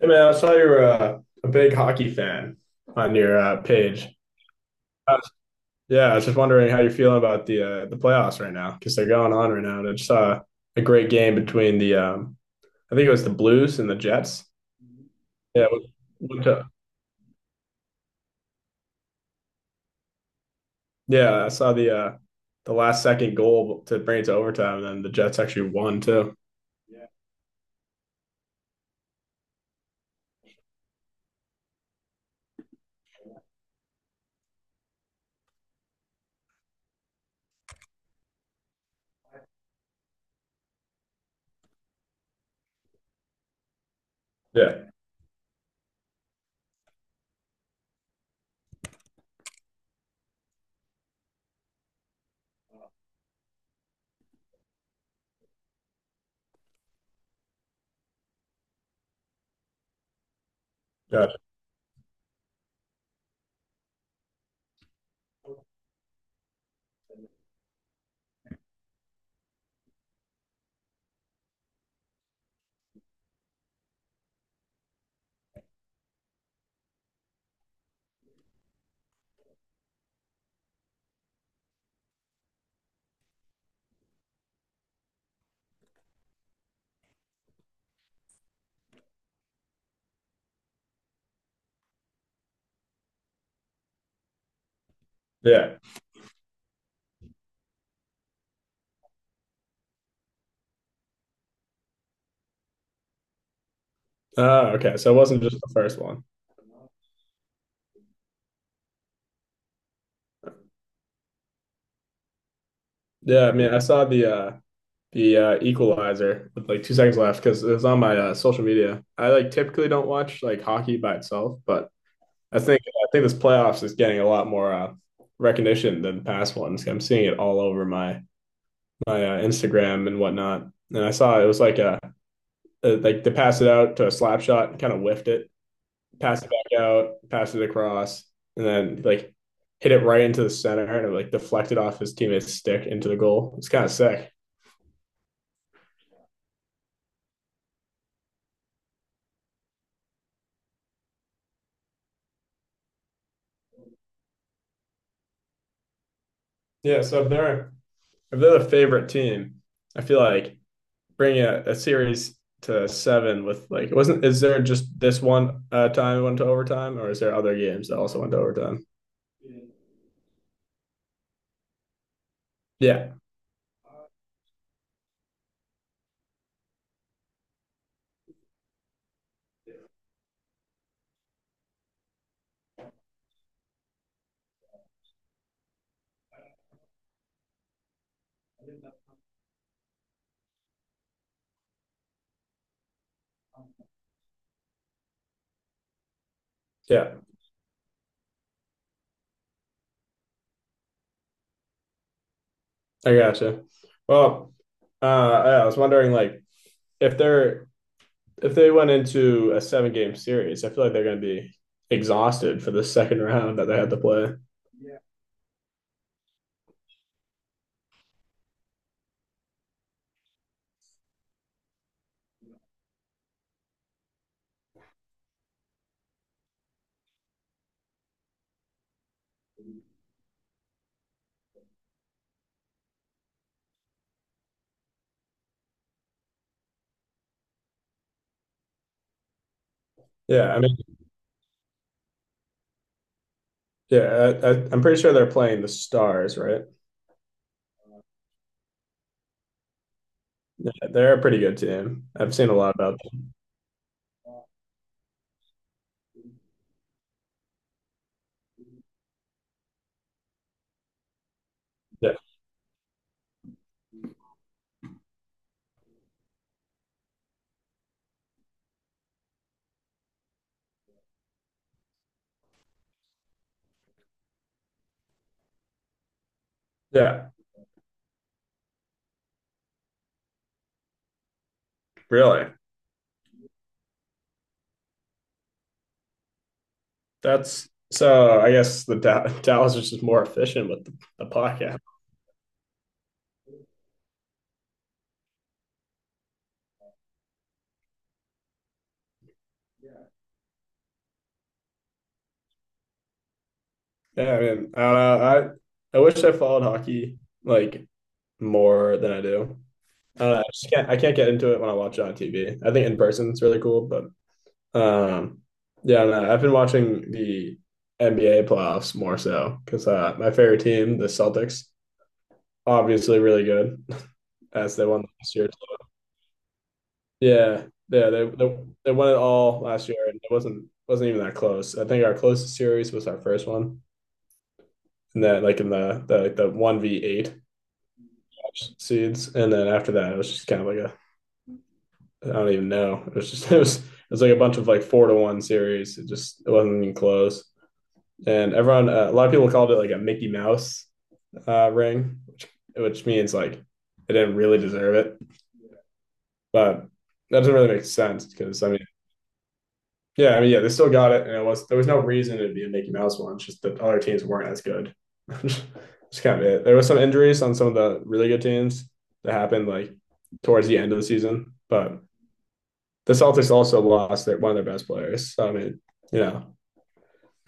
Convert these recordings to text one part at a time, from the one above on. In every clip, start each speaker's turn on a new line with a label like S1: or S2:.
S1: Hey man, I saw you're a big hockey fan on your page. Uh, yeah, I was just wondering how you're feeling about the the playoffs right now because they're going on right now. And I just saw a great game between the I think it was the Blues and the Jets. Yeah, it was- went to- yeah, I saw the last second goal to bring it to overtime, and then the Jets actually won too. Yeah, Yeah, gotcha. Yeah. Oh, okay. So it wasn't just the first one. Yeah, I mean, I saw the Equalizer with like 2 seconds left because it was on my social media. I like typically don't watch like hockey by itself, but I think this playoffs is getting a lot more recognition than the past ones. I'm seeing it all over my Instagram and whatnot. And I saw it was like a like to pass it out to a slap shot, kind of whiffed it, pass it back out, pass it across, and then like hit it right into the center and it like deflected off his teammate's stick into the goal. It's kind of sick. Yeah, so if they're the favorite team, I feel like bringing a series to 7 with like it wasn't. Is there just this one time went to overtime, or is there other games that also went to overtime? Yeah, yeah, I gotcha. Well, yeah, I was wondering like if they're if they went into a 7 game series, I feel like they're going to be exhausted for the second round that they had to play. Yeah. Yeah, I mean, yeah, I'm pretty sure they're playing the Stars, right? Yeah, they're a pretty good team. I've seen a lot about them. Yeah, really. That's so. I guess the Da- Dallas is just more efficient with the puck. Yeah. Yeah. I mean, I don't know. I wish I followed hockey like more than I do. I don't know. I just can't. I can't get into it when I watch it on TV. I think in person it's really cool, but um, yeah. I don't know. I've been watching the NBA playoffs more so because my favorite team, the Celtics, obviously really good as they won last year. Yeah, yeah, they they won it all last year, and it wasn't even that close. I think our closest series was our first one, and then like in the one v eight seeds, and then after that it was just kind of like a I don't even know. It was just it was like a bunch of like 4-1 series. It just it wasn't even close, and everyone a lot of people called it like a Mickey Mouse ring, which means like they didn't really deserve it, but that doesn't really make sense because I mean yeah, I mean, yeah, they still got it, and it was there was no reason it'd be a Mickey Mouse one. It's just that other teams weren't as good. It's kind of it. There was some injuries on some of the really good teams that happened like towards the end of the season, but the Celtics also lost one of their best players. So, I mean, you know,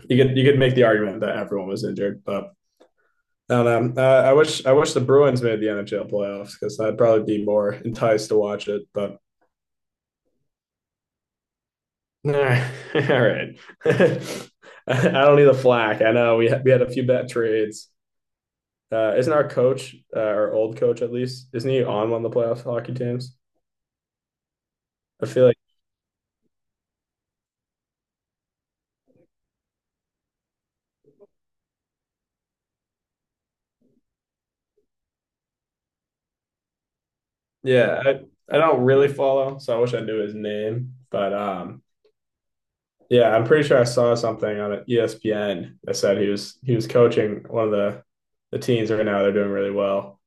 S1: you could make the argument that everyone was injured, but I don't know. I wish the Bruins made the NHL playoffs because I'd probably be more enticed to watch it. But all right. All right. I don't need the flack. I know we had a few bad trades. Isn't our coach, our old coach at least, isn't he on one of the playoff hockey teams? I feel like, yeah, I, I don't really follow, so I wish I knew his name. But yeah, I'm pretty sure I saw something on ESPN that said he was coaching one of the teams right now. They're doing really well.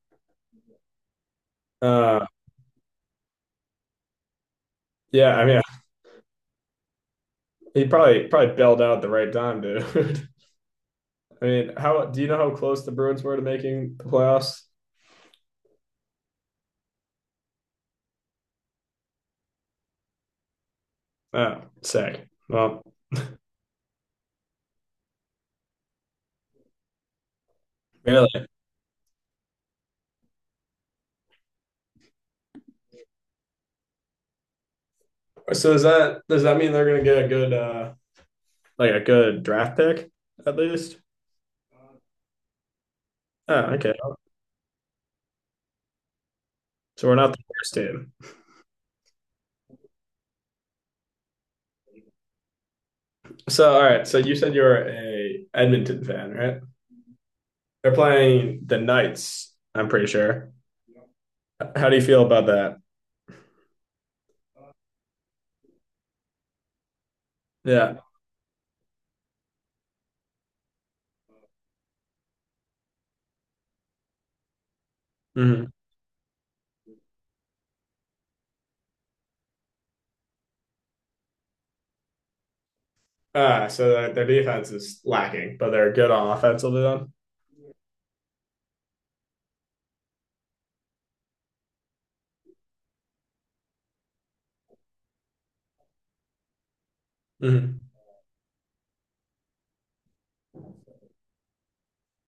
S1: Uh, yeah, I mean, he probably bailed out at the right time, dude. I mean, how do you know how close the Bruins were to making the playoffs? Oh, sick. Well, really. So is that does that mean they're gonna get a good like a good draft pick at least? Oh, okay. So we're not the worst team. So all right. So you said you're a Edmonton fan, right? They're playing the Knights. I'm pretty sure. How do you feel about that? Yeah. Mm-hmm. Ah, so their defense is lacking, but they're good on offense. Will be done. Mm-hmm.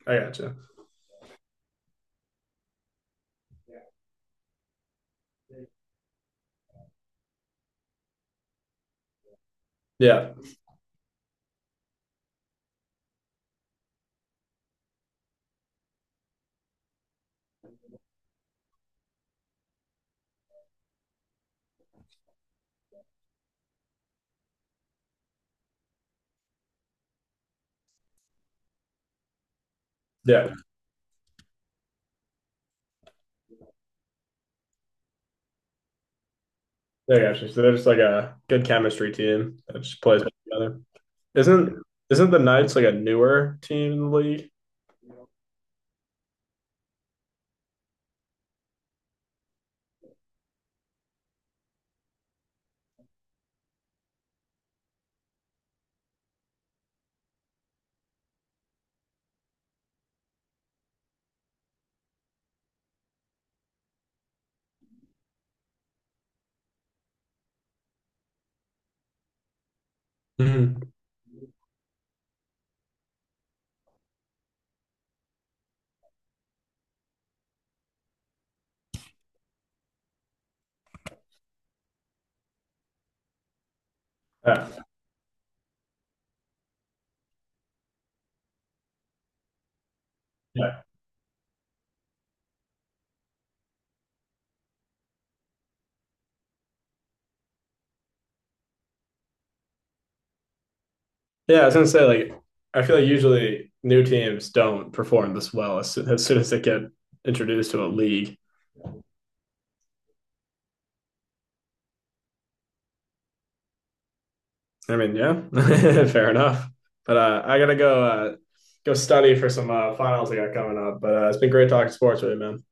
S1: I gotcha. Yeah. Yeah. Yeah, gotcha. So they're just like a good chemistry team that just plays well together. Isn't isn't the Knights like a newer team in the league? Mhm. Yeah. Yeah. Yeah, I was gonna say like I feel like usually new teams don't perform this well as soon soon as they get introduced to a league. I mean, yeah, fair enough. But I gotta go go study for some finals I got coming up. But it's been great talking sports with you, man.